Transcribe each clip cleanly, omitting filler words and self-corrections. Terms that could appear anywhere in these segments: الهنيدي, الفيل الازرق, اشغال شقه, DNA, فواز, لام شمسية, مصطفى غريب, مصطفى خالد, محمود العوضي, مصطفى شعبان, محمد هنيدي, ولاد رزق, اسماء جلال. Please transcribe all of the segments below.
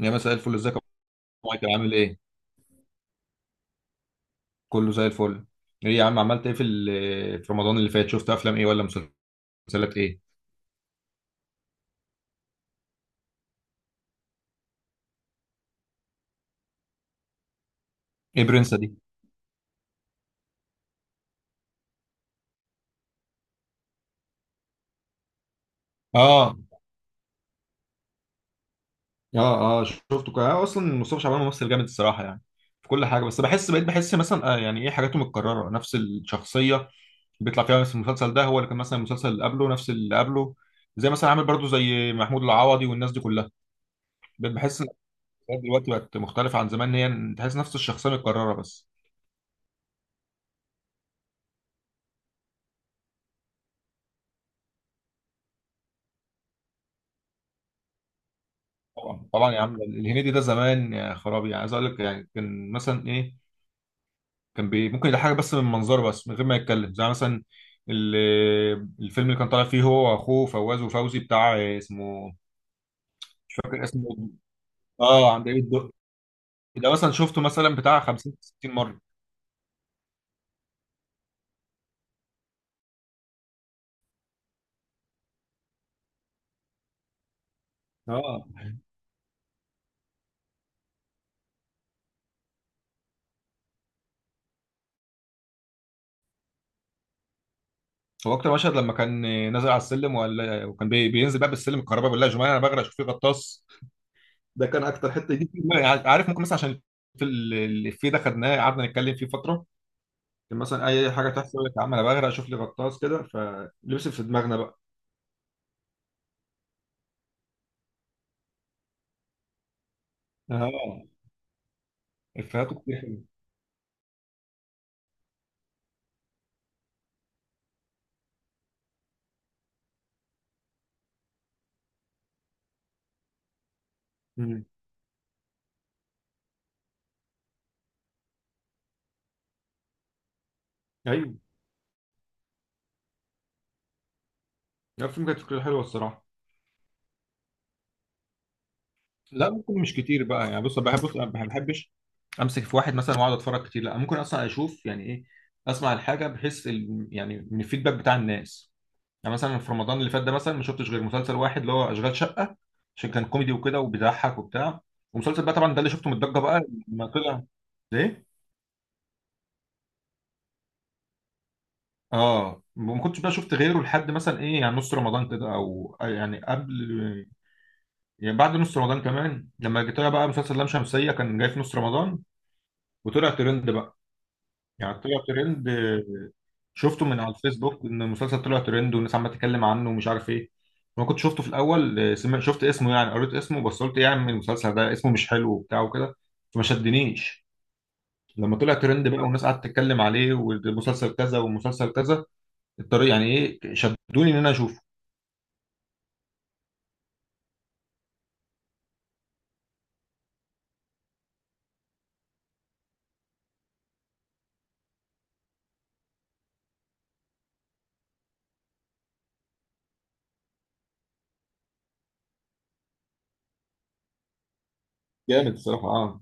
يا مساء الفل، ازيك يا أبو مايكل؟ عامل ايه؟ كله زي الفل. ايه يا عم، عملت ايه في في رمضان اللي فات؟ شفت افلام ايه ولا مسلسلات ايه؟ ايه برنسة دي؟ اه، اه، اه، شفته كده. اصلا مصطفى شعبان ممثل جامد الصراحة. يعني في كل حاجة، بس بحس مثلا يعني ايه، حاجاته متكررة، نفس الشخصية اللي بيطلع فيها، نفس المسلسل ده هو اللي كان. مثلا المسلسل اللي قبله نفس اللي قبله، زي مثلا عامل برضو زي محمود العوضي والناس دي كلها. بقيت بحس ان الشخصيات دلوقتي بقت مختلفة عن زمان، إن هي تحس نفس الشخصية متكررة بس. طبعا طبعا يا عم، الهنيدي ده زمان يا خرابي. يعني عايز اقول لك، يعني كان مثلا ايه، كان ممكن يضحك بس من منظره، بس من غير ما يتكلم، زي مثلا ال- الفيلم اللي كان طالع فيه هو واخوه فواز وفوزي بتاع اسمه. مش فاكر اسمه. اه، عند ايه الدق. ده مثلا شفته مثلا بتاع 50 60 مره. اه، هو اكتر مشهد لما كان نازل على السلم، وكان بينزل بقى بالسلم الكهرباء، بالله يا جماعه انا بغرق، اشوف فيه غطاس. ده كان اكتر حته دي في دماغي. عارف، ممكن مثلا عشان في الافيه ده، خدناه قعدنا نتكلم فيه فتره. كان مثلا اي حاجه تحصل يقول لك يا عم انا بغرق شوف لي غطاس كده، فلبس في دماغنا بقى. اه، افيهاته كتير حلوه. أمم. ايوه. لا، الفيلم كانت فكرته حلوه الصراحه. لا، ممكن مش كتير بقى يعني. بص أنا ما بحبش امسك في واحد مثلا واقعد اتفرج كتير. لا، ممكن اصلا اشوف يعني ايه، اسمع الحاجه بحيث يعني من الفيدباك بتاع الناس. يعني مثلا في رمضان اللي فات ده مثلا ما شفتش غير مسلسل واحد اللي هو اشغال شقه، عشان كان كوميدي وكده وبيضحك وبتاع. ومسلسل بقى طبعا ده اللي شفته متضجه بقى لما طلع، ليه؟ اه، ما كنتش بقى شفت غيره لحد مثلا ايه، يعني نص رمضان كده، او يعني قبل، يعني بعد نص رمضان كمان لما جيت. طلع بقى مسلسل لام شمسية، كان جاي في نص رمضان وطلع ترند بقى. يعني طلع ترند. شفته من على الفيسبوك ان المسلسل طلع ترند والناس عماله تتكلم عنه ومش عارف ايه. ما كنت شفته في الاول، شفت اسمه، يعني قريت اسمه بس قلت إيه يا عم، المسلسل ده اسمه مش حلو وبتاع وكده، فما شدنيش. لما طلع ترند بقى والناس قعدت تتكلم عليه والمسلسل كذا والمسلسل كذا الطريق، يعني ايه، شدوني ان انا اشوفه. جامد الصراحه. اه،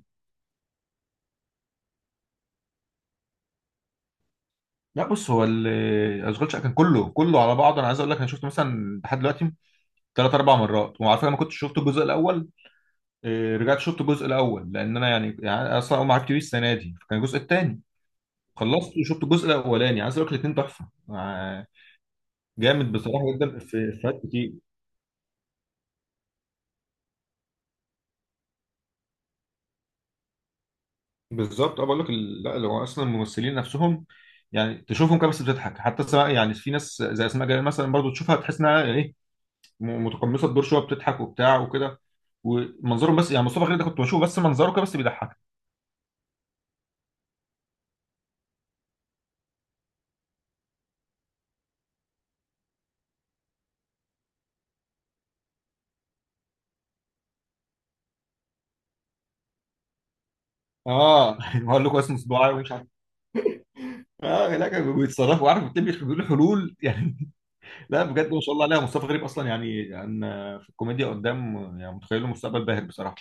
لا، بص، هو اشغال شقه كان كله كله على بعضه. انا عايز اقول لك، انا شفته مثلا لحد دلوقتي ثلاث اربع مرات، وعلى فكره ما كنتش شفت الجزء الاول. رجعت شفت الجزء الاول لان انا يعني أنا اصلا اول ما عرفت بيه السنه دي فكان الجزء الثاني خلصت، وشفت الجزء الاولاني. عايز اقول لك، الاثنين تحفه. جامد بصراحه جدا، في افيهات كتير. بالظبط. اه، بقول لك لا، لو اصلا الممثلين نفسهم يعني تشوفهم كده بس بتضحك، حتى سواء يعني في ناس زي اسماء جلال مثلا برضو تشوفها تحس انها ايه، متقمصه الدور شويه، بتضحك وبتاع وكده. ومنظرهم بس، يعني مصطفى خالد ده كنت بشوفه بس منظره كده بس بيضحك. اه. يعني بقول لكم اسمه صداع ومش عارف. اه، لا، كانوا بيتصرفوا، عارف، بتبقى بيقولوا حلول يعني. لا، بجد، ما شاء الله عليها، مصطفى غريب اصلا يعني في الكوميديا قدام، يعني متخيله مستقبل باهر بصراحه.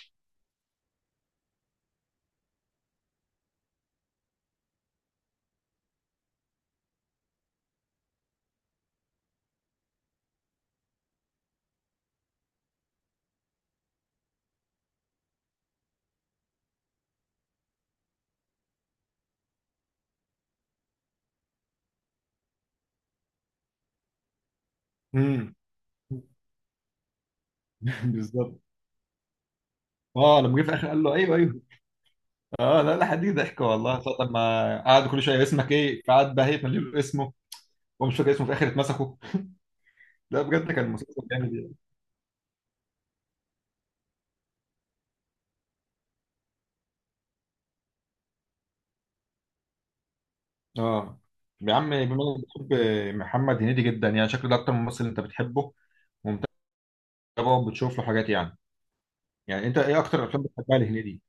امم. بالظبط. اه، لما جه في الاخر قال له ايوه، ايوه. اه، لا، لا حد ضحك والله، طب ما قعد كل شويه اسمك ايه، فقعد بقى هيتملي له اسمه ومش فاكر اسمه، في الاخر اتمسكوا. لا، بجد، كان مسلسل جامد يعني. اه، يا عم، بما انك بتحب محمد هنيدي جدا، يعني شكله ده اكتر ممثل انت بتحبه ومتابعه وبتشوف له حاجات، يعني انت ايه اكتر افلام بتحبها لهنيدي؟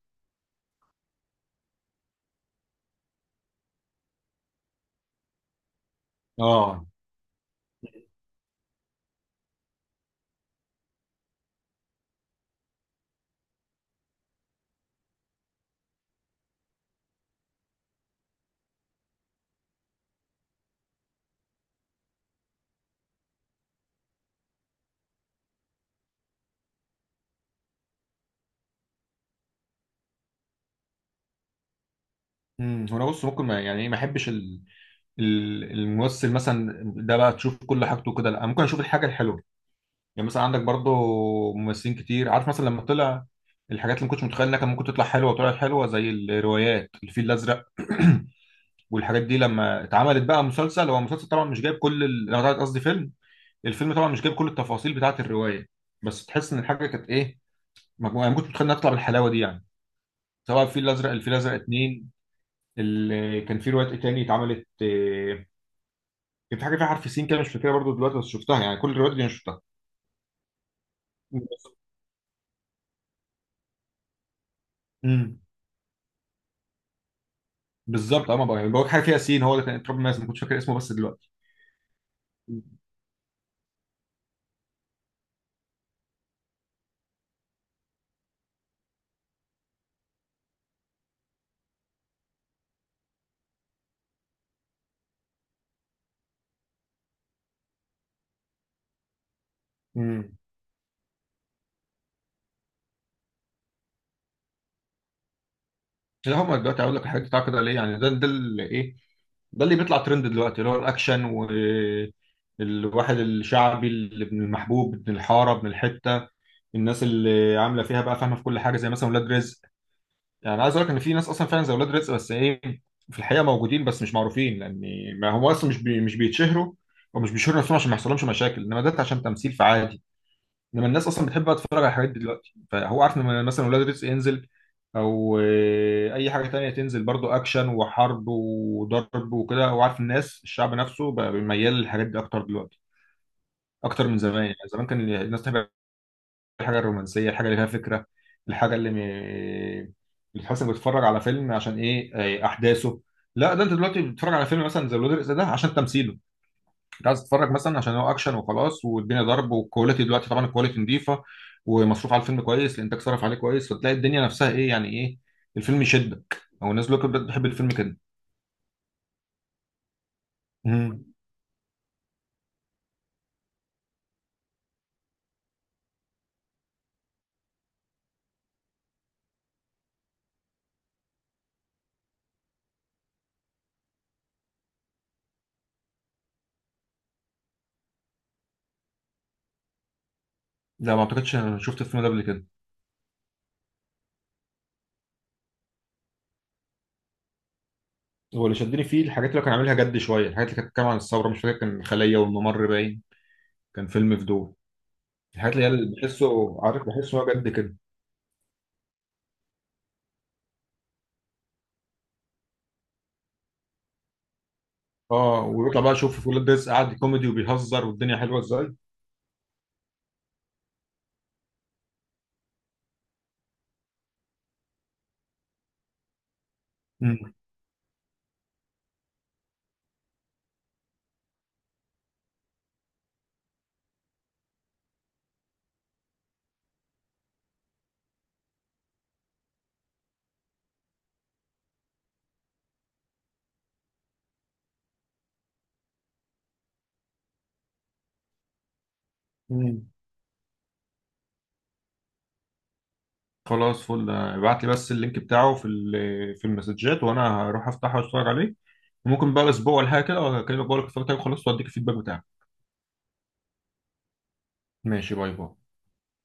اه، امم، هنا بص، ممكن ما يعني ايه، ما احبش الممثل مثلا ده بقى تشوف كل حاجته كده. لا، ممكن اشوف الحاجه الحلوه. يعني مثلا عندك برضو ممثلين كتير، عارف، مثلا لما طلع الحاجات اللي ما كنتش متخيل انها كان ممكن تطلع حلوه وطلعت حلوه، زي الروايات الفيل الازرق والحاجات دي، لما اتعملت بقى مسلسل، هو مسلسل طبعا مش جايب كل أنا قصدي فيلم. الفيلم طبعا مش جايب كل التفاصيل بتاعه الروايه، بس تحس ان الحاجه كانت ايه، مجموعه يعني، ما كنتش متخيل انها تطلع بالحلاوه دي يعني، سواء الفيل الازرق، الفيل الازرق اتنين. كان في روايات ايه تاني اتعملت، كان في حاجه فيها حرف سين كده مش فاكرها برضو دلوقتي بس شفتها، يعني كل الروايات دي انا شفتها. امم. بالظبط. اه، ما بقى- بقولك حاجه فيها سين، هو اللي كان اتربى الناس ما كنتش فاكر اسمه بس دلوقتي. مم. مم. لا، هم دلوقتي، اقول لك، الحاجات بتاع كده ليه يعني، ده اللي ايه، ده اللي بيطلع ترند دلوقتي، اللي هو الاكشن والواحد الشعبي، اللي ابن المحبوب، ابن الحاره، ابن الحته، الناس اللي عامله فيها بقى فاهمه في كل حاجه زي مثلا ولاد رزق. يعني أنا عايز اقول لك ان في ناس اصلا فعلا زي ولاد رزق، بس ايه، في الحقيقه موجودين بس مش معروفين، لان ما هم اصلا مش بيتشهروا ومش بيشهروا نفسهم عشان ما يحصلهمش مشاكل. انما ده عشان تمثيل فعادي. انما الناس اصلا بتحب بقى تتفرج على الحاجات دي دلوقتي، فهو عارف ان مثلا ولاد رزق ينزل او اي حاجه تانية تنزل برضو اكشن وحرب وضرب وكده، هو عارف الناس، الشعب نفسه بقى ميال للحاجات دي اكتر دلوقتي، اكتر من زمان. يعني زمان كان الناس تحب الحاجه الرومانسيه، الحاجه اللي فيها فكره، الحاجه اللي اللي تحس انك بتتفرج على فيلم عشان ايه، احداثه. لا، ده انت دلوقتي بتتفرج على فيلم مثلا زي ولاد الرزق ده عشان تمثيله، انت عايز تتفرج مثلا عشان هو اكشن وخلاص والدنيا ضرب. والكواليتي دلوقتي طبعا الكواليتي نظيفه ومصروف على الفيلم كويس، الانتاج صرف عليه كويس، فتلاقي الدنيا نفسها ايه، يعني ايه، الفيلم يشدك، او الناس دلوقتي بتحب الفيلم كده. امم. لا، ما اعتقدش انا شفت الفيلم ده قبل كده. هو اللي شدني فيه الحاجات اللي كان عاملها جد شويه، الحاجات اللي كانت بتتكلم عن الثوره، مش فاكر، كان الخليه والممر باين. كان فيلم في دور، الحاجات اللي هي اللي بحسه، عارف، بحسه هو جد كده. اه، ويطلع بقى، شوف ولاد رزق قاعد كوميدي وبيهزر والدنيا حلوه ازاي. مم. مم. خلاص، فل، ابعت لي بس اللينك بتاعه في في المسجات، وانا هروح افتحه واتفرج عليه، وممكن بقى اسبوع ولا حاجه كده اكلمك بقول لك اتفرجت عليه خلاص واديك الفيدباك بتاعه. ماشي، باي باي